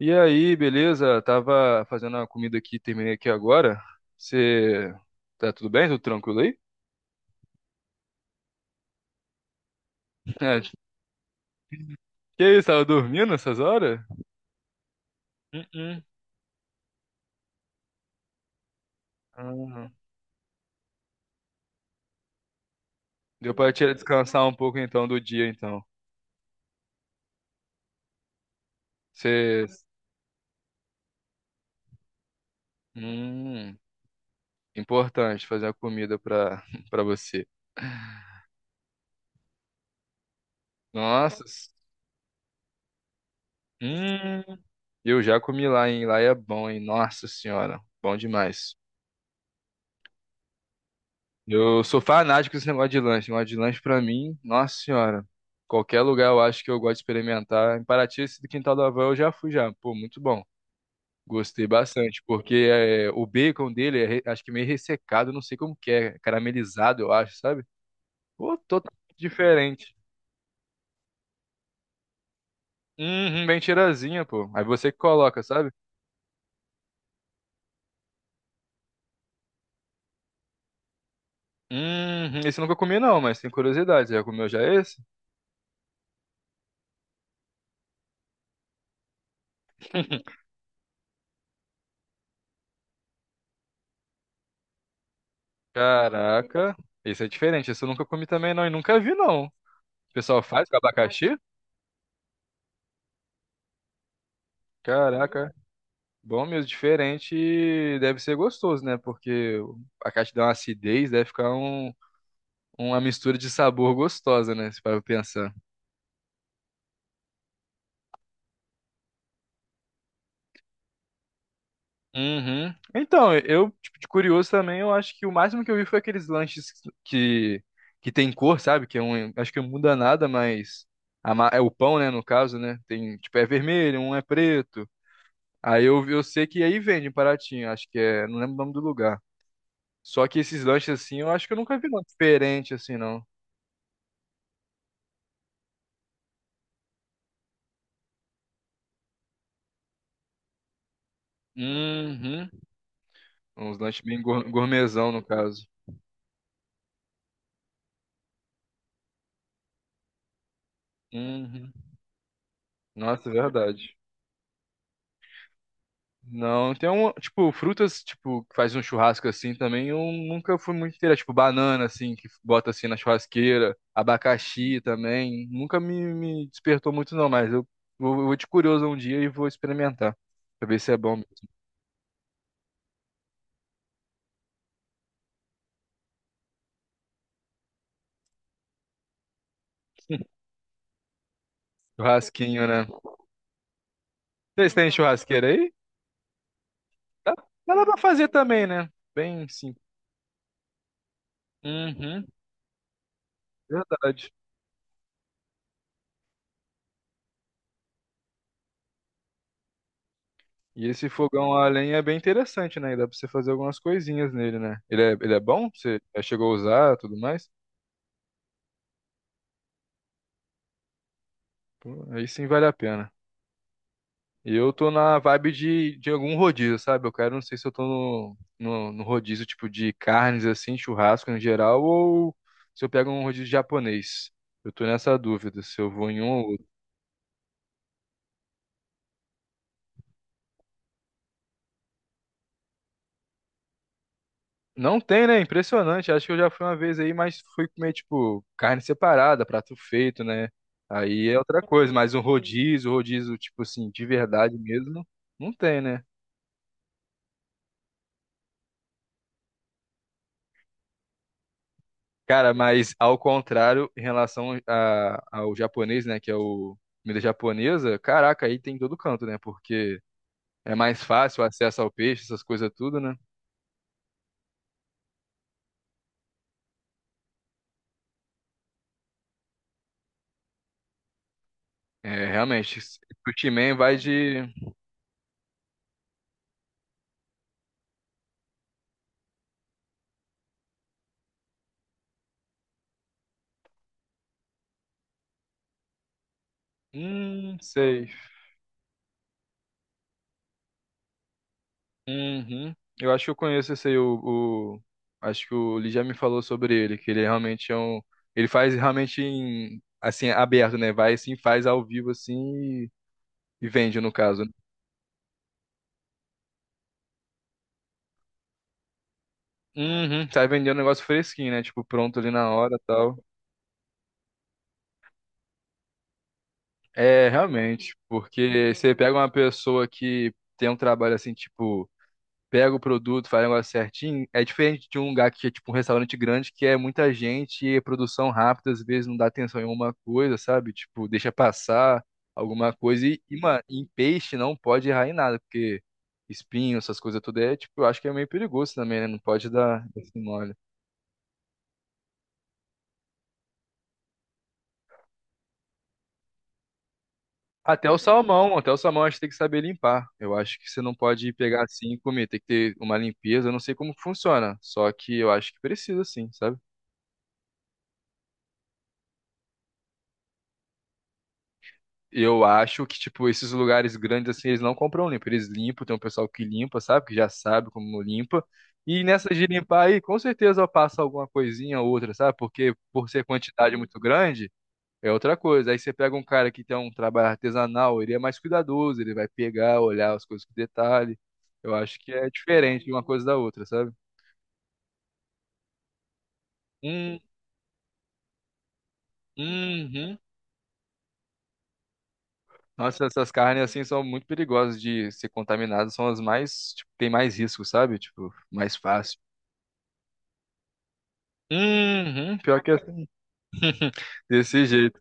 E aí, beleza? Tava fazendo a comida aqui, terminei aqui agora. Você tá tudo bem? Tudo tranquilo aí? É, que isso, tava dormindo essas horas? Hum, Ah, deu pra te descansar um pouco então do dia, então. Você, hum, importante fazer a comida pra para você. Nossa, hum, eu já comi lá, hein? Lá é bom, hein? Nossa senhora, bom demais. Eu sou fanático desse negócio de lanche. Negócio de lanche pra mim, nossa senhora. Qualquer lugar eu acho que eu gosto de experimentar. Em Paraty, esse do Quintal da Avó eu já fui já. Pô, muito bom. Gostei bastante, porque é, o bacon dele é acho que meio ressecado, não sei como que é, caramelizado, eu acho, sabe? Pô, totalmente diferente. Uhum, bem tirazinha, pô. Aí você que coloca, sabe? Uhum, esse eu nunca comi não, mas tem curiosidade. Você já comeu já esse? Caraca, esse é diferente. Esse eu nunca comi também não e nunca vi não. O pessoal faz com abacaxi? Caraca, bom mesmo, diferente e deve ser gostoso, né? Porque a caixa dá uma acidez, deve ficar uma mistura de sabor gostosa, né? Se para pensar. Uhum. Então, eu, tipo, de curioso também, eu acho que o máximo que eu vi foi aqueles lanches que, que tem cor, sabe? Que é um, acho que não muda nada, mas é o pão, né? No caso, né? Tem, tipo, é vermelho, um é preto. Aí eu sei que aí vende em Paraty, acho que é, não lembro o nome do lugar. Só que esses lanches assim, eu acho que eu nunca vi não diferente assim, não. Uhum. Uns lanches bem gourmetzão, no caso. Uhum. Nossa, é verdade. Não, tem um, tipo, frutas, tipo, que faz um churrasco assim também, eu nunca fui muito inteira, tipo, banana, assim, que bota assim na churrasqueira, abacaxi também, nunca me despertou muito não, mas eu vou de curioso um dia e vou experimentar, pra ver se é bom. Churrasquinho, né? Vocês têm churrasqueira aí? Dá, dá lá pra fazer também, né? Bem simples. Uhum, verdade. E esse fogão a lenha é bem interessante, né? E dá pra você fazer algumas coisinhas nele, né? Ele é bom? Você já chegou a usar e tudo mais? Pô, aí sim vale a pena. E eu tô na vibe de algum rodízio, sabe? Eu quero, não sei se eu tô no rodízio tipo de carnes, assim, churrasco em geral, ou se eu pego um rodízio japonês. Eu tô nessa dúvida, se eu vou em um ou outro. Não tem, né? Impressionante. Acho que eu já fui uma vez aí, mas fui comer, tipo, carne separada, prato feito, né? Aí é outra coisa, mas um rodízio, rodízio, tipo assim, de verdade mesmo, não tem, né? Cara, mas ao contrário, em relação ao japonês, né? Que é o comida japonesa, caraca, aí tem em todo canto, né? Porque é mais fácil o acesso ao peixe, essas coisas tudo, né? É, realmente, o sushi man vai de. Sei. Uhum. Eu acho que eu conheço esse aí, Acho que o Lee já me falou sobre ele, que ele realmente é um... Ele faz realmente em... assim, aberto, né? Vai assim, faz ao vivo assim e, e vende, no caso, né? Uhum. Sai vendendo um negócio fresquinho, né? Tipo, pronto ali na hora e tal. É, realmente, porque você pega uma pessoa que tem um trabalho assim, tipo... pega o produto, faz o negócio certinho, é diferente de um lugar que é tipo um restaurante grande, que é muita gente e produção rápida, às vezes não dá atenção em uma coisa, sabe? Tipo, deixa passar alguma coisa. E mano, em peixe não pode errar em nada, porque espinho, essas coisas todas, é, tipo, eu acho que é meio perigoso também, né? Não pode dar esse mole. Até o salmão acho que tem que saber limpar. Eu acho que você não pode pegar assim e comer, tem que ter uma limpeza, eu não sei como funciona, só que eu acho que precisa sim, sabe? Eu acho que, tipo, esses lugares grandes, assim, eles não compram limpo. Eles limpam, tem um pessoal que limpa, sabe? Que já sabe como limpa. E nessa de limpar aí, com certeza passa alguma coisinha ou outra, sabe? Porque por ser quantidade muito grande, é outra coisa. Aí você pega um cara que tem um trabalho artesanal, ele é mais cuidadoso, ele vai pegar, olhar as coisas com detalhe. Eu acho que é diferente uma coisa da outra, sabe? Hum, uhum. Nossa, essas carnes assim são muito perigosas de ser contaminadas, são as mais, tipo, tem mais risco, sabe? Tipo, mais fácil. Uhum, pior que é assim, desse jeito.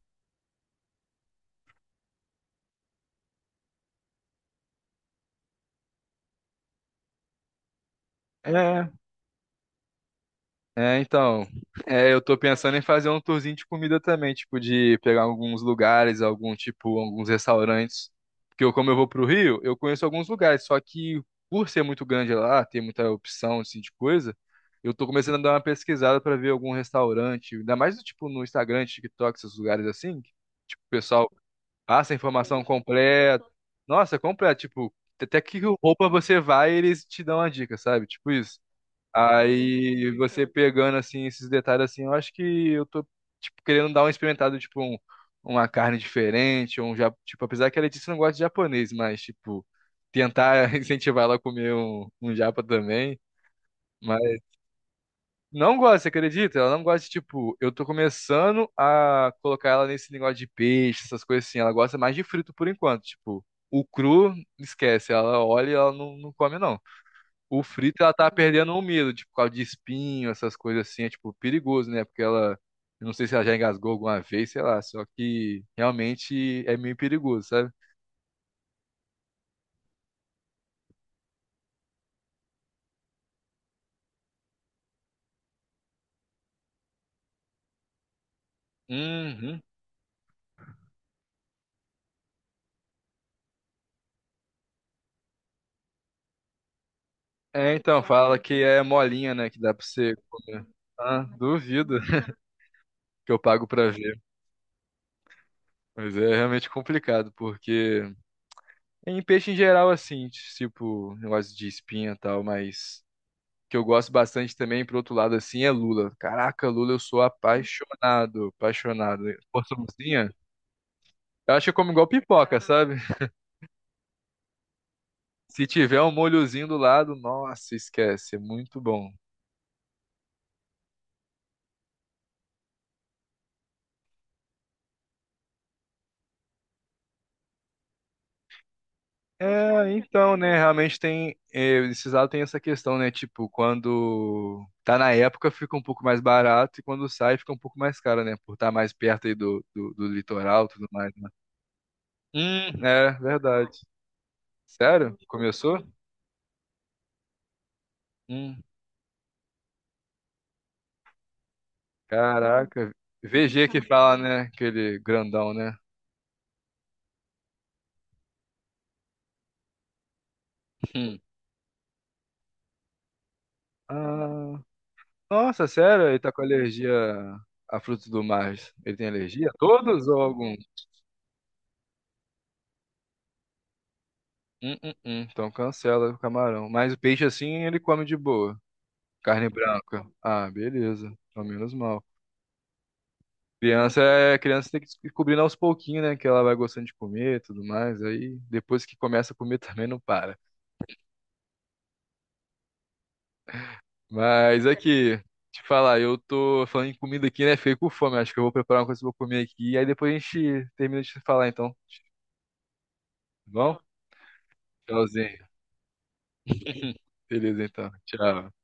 É, é, então. É, eu tô pensando em fazer um tourzinho de comida também, tipo, de pegar alguns lugares, algum tipo, alguns restaurantes. Porque eu, como eu vou pro Rio, eu conheço alguns lugares, só que por ser muito grande lá, ter muita opção, assim, de coisa, eu tô começando a dar uma pesquisada pra ver algum restaurante, ainda mais, tipo, no Instagram, TikTok, esses lugares assim, que, tipo, o pessoal passa a informação completa. Nossa, completa. Tipo, até que roupa você vai, eles te dão a dica, sabe? Tipo isso. Aí você pegando assim esses detalhes assim, eu acho que eu tô tipo querendo dar uma experimentada, tipo uma carne diferente, tipo, apesar que a Letícia não gosta de japonês, mas tipo tentar incentivar ela a comer um japa também. Não gosta, você acredita? Ela não gosta de, tipo, eu tô começando a colocar ela nesse negócio de peixe, essas coisas assim. Ela gosta mais de frito por enquanto, tipo, o cru, esquece, ela olha e ela não come, não. O frito, ela tá perdendo o medo, tipo, por causa de espinho, essas coisas assim, é, tipo, perigoso, né? Porque ela, eu não sei se ela já engasgou alguma vez, sei lá, só que realmente é meio perigoso, sabe? Uhum. É, então, fala que é molinha, né, que dá pra você comer. Ah, duvido que eu pago pra ver. Mas é realmente complicado, porque em peixe em geral, assim, tipo, negócio de espinha e tal, mas que eu gosto bastante também, por outro lado, assim, é lula. Caraca, lula, eu sou apaixonado, apaixonado. Porçãozinha, eu acho que eu como igual pipoca, sabe? Se tiver um molhozinho do lado, nossa, esquece, é muito bom. É, então, né, realmente tem, é, esses lados tem essa questão, né, tipo, quando tá na época fica um pouco mais barato e quando sai fica um pouco mais caro, né, por estar mais perto aí do litoral e tudo mais, né. É, verdade. Sério? Começou? Hum, caraca. VG que fala, né, aquele grandão, né. Hum. Ah, nossa, sério? Ele tá com alergia a frutos do mar. Ele tem alergia? A todos ou algum? Então cancela o camarão. Mas o peixe assim ele come de boa. Carne branca. Ah, beleza. Ao menos mal. Criança é criança tem que ir descobrindo aos pouquinhos, né? Que ela vai gostando de comer e tudo mais. Aí depois que começa a comer também não para. Mas aqui, te falar, eu tô falando em comida aqui, né? Fiquei com fome. Acho que eu vou preparar uma coisa que eu vou comer aqui. E aí depois a gente termina de falar então. Tá bom? Tchauzinho. Beleza então. Tchau.